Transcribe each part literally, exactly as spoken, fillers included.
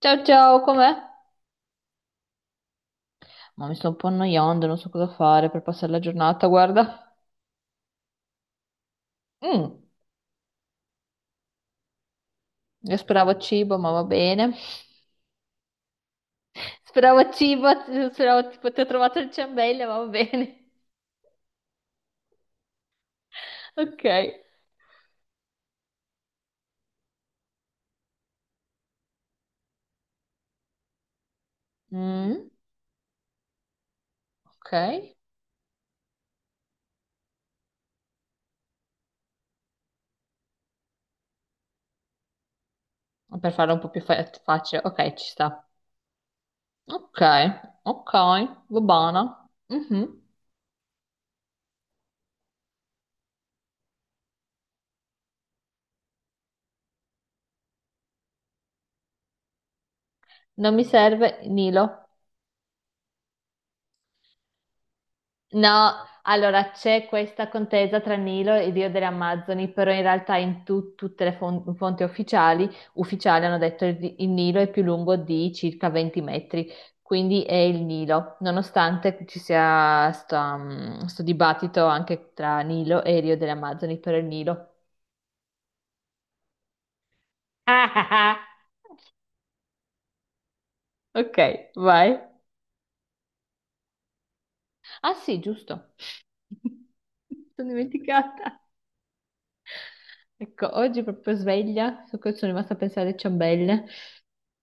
Ciao ciao, com'è? Ma mi sto un po' annoiando, non so cosa fare per passare la giornata, guarda. Mm, io speravo cibo, ma va bene. Speravo cibo, speravo tipo ti ho trovato il ciambello, ma va bene. Ok. Mm, ok. Per farlo un po' più fa- facile, ok, ci sta. Ok, ok, va bene. Mhm. Non mi serve Nilo. No, allora c'è questa contesa tra Nilo e Dio delle Amazzoni, però in realtà in tu- tutte le fon- fonti ufficiali, ufficiali hanno detto il, il Nilo è più lungo di circa venti metri, quindi è il Nilo, nonostante ci sia sto, mm, sto dibattito anche tra Nilo e Rio delle Amazzoni, però è il Nilo. Ah, ah, ah. Ok, vai. Ah sì, giusto. Mi sono dimenticata. Ecco, oggi proprio sveglia, so che sono rimasta a pensare alle ciambelle.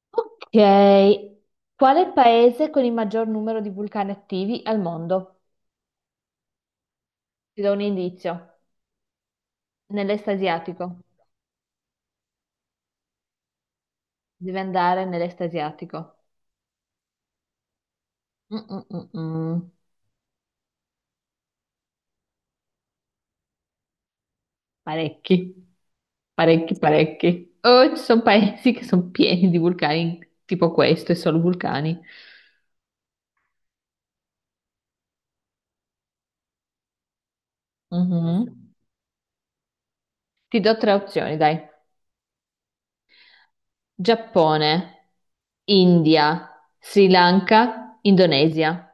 Ok, qual è il paese con il maggior numero di vulcani attivi al mondo? Ti do un indizio. Nell'est asiatico. Devi andare nell'est asiatico. Mm, mm, mm, mm. Parecchi, parecchi, parecchi. Oh, ci sono paesi che sono pieni di vulcani, tipo questo, e solo vulcani. Mhm. Ti do tre opzioni, dai. Giappone, India, Sri Lanka, Indonesia.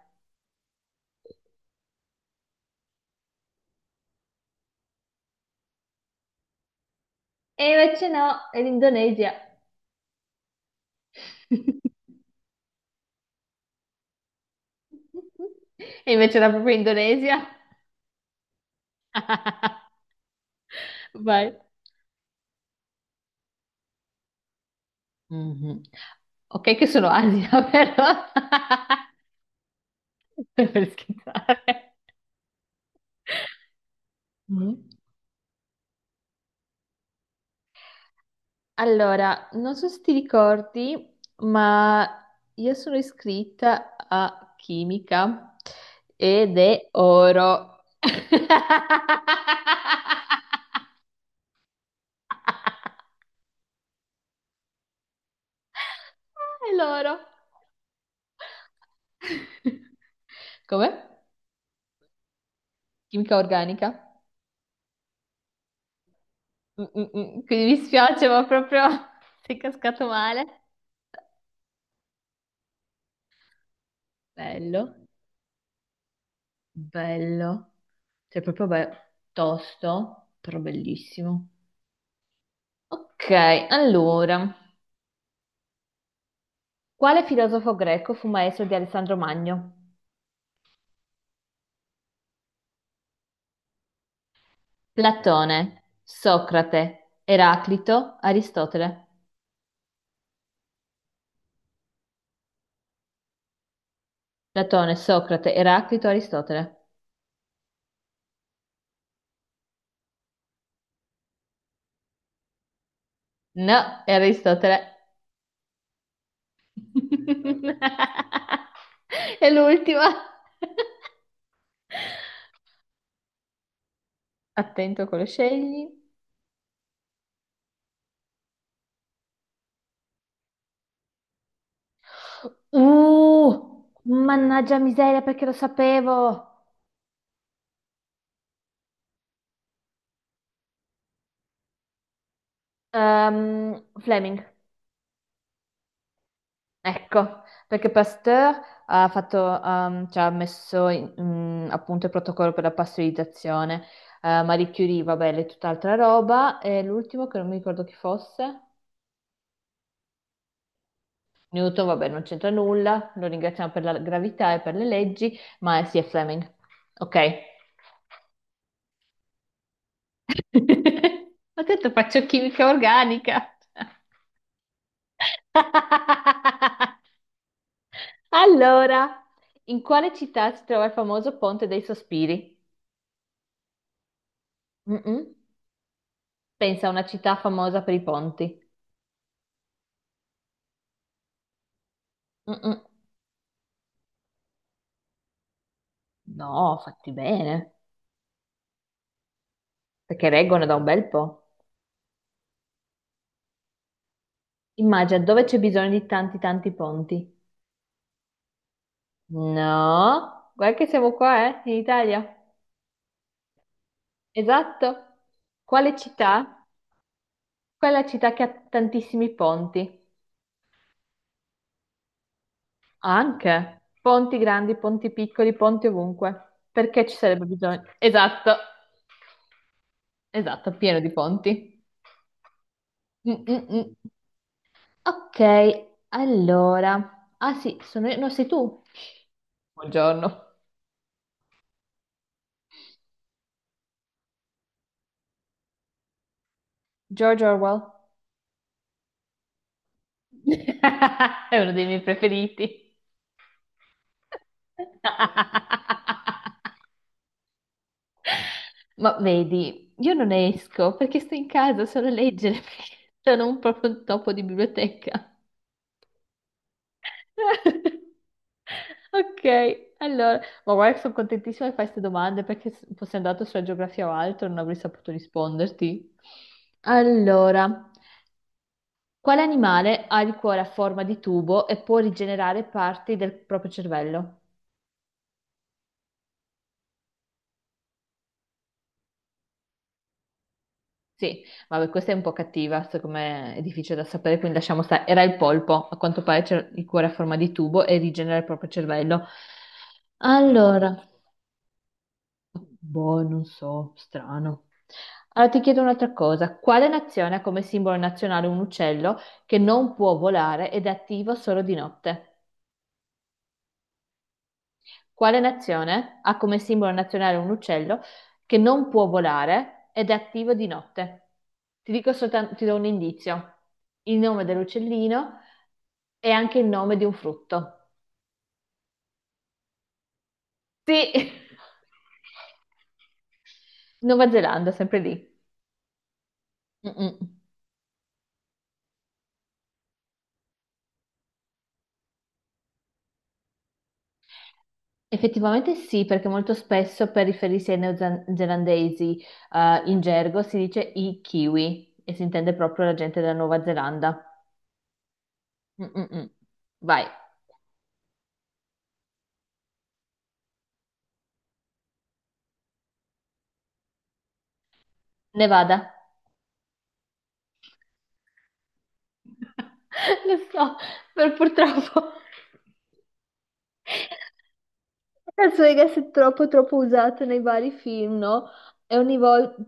E invece no, è l'Indonesia. E invece era proprio Indonesia. Vai. Mhm. Ok, che sono Asia, però. Per scherzare. Mm. Allora, non so se ti ricordi, ma io sono iscritta a chimica ed è oro. È l'oro. Come? Chimica organica? Mm, mm, mm. Quindi mi spiace, ma proprio sei cascato male. Bello, bello. Cioè, proprio be- tosto, però bellissimo. Ok, allora, quale filosofo greco fu maestro di Alessandro Magno? Platone, Socrate, Eraclito, Aristotele. Platone, Socrate, Eraclito, Aristotele. No, è Aristotele. È l'ultima. Attento a quello scegli. Uh, mannaggia miseria, perché lo sapevo. Ehm, Fleming, ecco, perché Pasteur ha fatto, ehm, ci ha messo in- mm, appunto il protocollo per la pastorizzazione. Eh, Marie Curie, vabbè, è tutt'altra roba. E l'ultimo che non mi ricordo chi fosse. Newton, vabbè, non c'entra nulla. Lo ringraziamo per la gravità e per le leggi, ma eh, sì, è Fleming. Ok. Ho detto faccio chimica organica. Allora, in quale città si trova il famoso Ponte dei Sospiri? Mm-mm. Pensa a una città famosa per i ponti. Mm-mm. No, fatti bene, perché reggono da un bel po'. Immagina dove c'è bisogno di tanti tanti ponti. No, guarda che siamo qua, eh, in Italia. Esatto. Quale città? Quella città che ha tantissimi ponti. Anche ponti grandi, ponti piccoli, ponti ovunque. Perché ci sarebbe bisogno? Esatto, esatto, pieno di ponti. Mm, mm, mm. Ok, allora. Ah sì, sono io- no, sei tu. Buongiorno. George Orwell. È uno dei miei preferiti. Ma vedi, io non esco perché sto in casa solo a leggere, perché sono un proprio topo di biblioteca. Ok, allora, ma guarda, che sono contentissima che fai queste domande perché se fossi andato sulla geografia o altro non avrei saputo risponderti. Allora, quale animale ha il cuore a forma di tubo e può rigenerare parti del proprio cervello? Sì, vabbè, questa è un po' cattiva, secondo me è difficile da sapere, quindi lasciamo stare. Era il polpo, a quanto pare c'è il cuore a forma di tubo e rigenera il proprio cervello. Allora, boh, non so, strano. Allora ti chiedo un'altra cosa. Quale nazione ha come simbolo nazionale un uccello che non può volare ed è attivo solo di notte? Quale nazione ha come simbolo nazionale un uccello che non può volare ed è attivo di notte? Ti dico soltanto, ti do un indizio. Il nome dell'uccellino è anche il nome di un frutto. Sì, Nuova Zelanda, sempre lì. Mm-mm. Effettivamente sì, perché molto spesso per riferirsi ai neozelandesi eh, in gergo si dice i kiwi e si intende proprio la gente della Nuova Zelanda. Mm, mm, mm. Vai, Nevada. Lo so, per purtroppo. Las Vegas è troppo troppo usato nei vari film, no? E ogni volta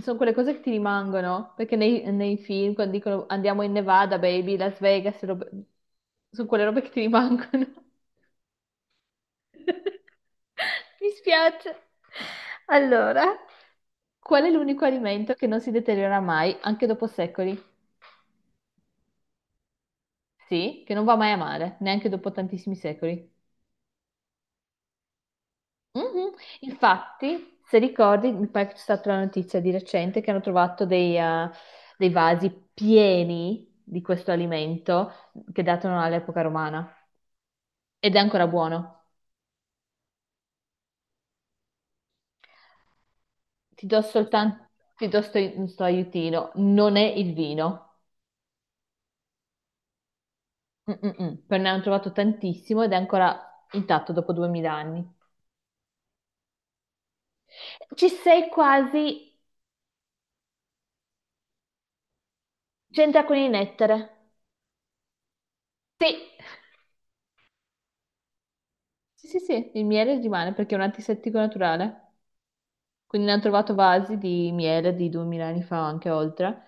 sono quelle cose che ti rimangono, perché nei, nei film quando dicono andiamo in Nevada, baby, Las Vegas, robe- sono quelle robe che ti rimangono. Mi spiace. Allora, qual è l'unico alimento che non si deteriora mai, anche dopo secoli? Sì, che non va mai a male, neanche dopo tantissimi secoli. Mhm. Infatti, se ricordi, mi pare che c'è stata la notizia di recente che hanno trovato dei, eh, dei vasi pieni di questo alimento che datano all'epoca romana ed è ancora buono. Ti do soltanto, ti do sto, un sto aiutino, non è il vino. Mm-mm-mm. Però ne hanno trovato tantissimo ed è ancora intatto dopo duemila anni. Ci sei quasi, c'entra con il nettare. Sì, sì, sì, sì, il miele rimane perché è un antisettico naturale. Quindi ne hanno trovato vasi di miele di duemila anni fa, anche oltre,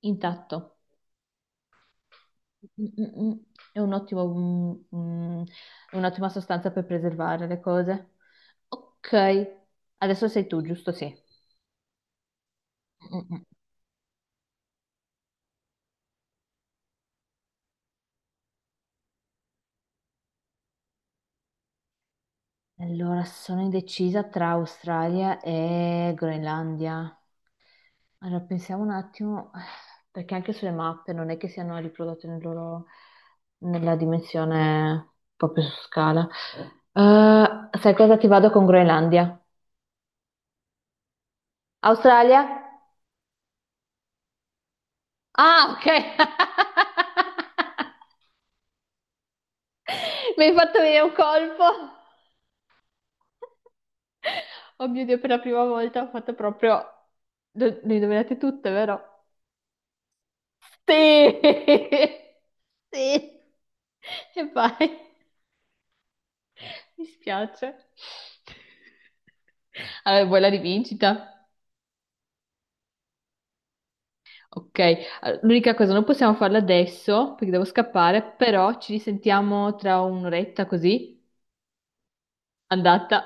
intatto. Mm, mm, mm. È un ottimo, mm, mm, è un'ottima sostanza per preservare le cose. Ok, adesso sei tu, giusto? Sì. Mm, mm. Mm. Allora, sono indecisa tra Australia e Groenlandia. Allora, pensiamo un attimo, eh, perché anche sulle mappe non è che siano riprodotte nel loro- nella dimensione proprio su scala. Eh, sai cosa ti vado con Groenlandia? Australia? Ah, ok! Mi hai fatto venire un colpo! Oh mio Dio, per la prima volta ho fatto proprio... Do- Le indovinate tutte, vero? Sì! Sì! E vai! Mi spiace. Allora, vuoi la rivincita? Ok, allora, l'unica cosa, non possiamo farla adesso perché devo scappare, però ci risentiamo tra un'oretta così, andata.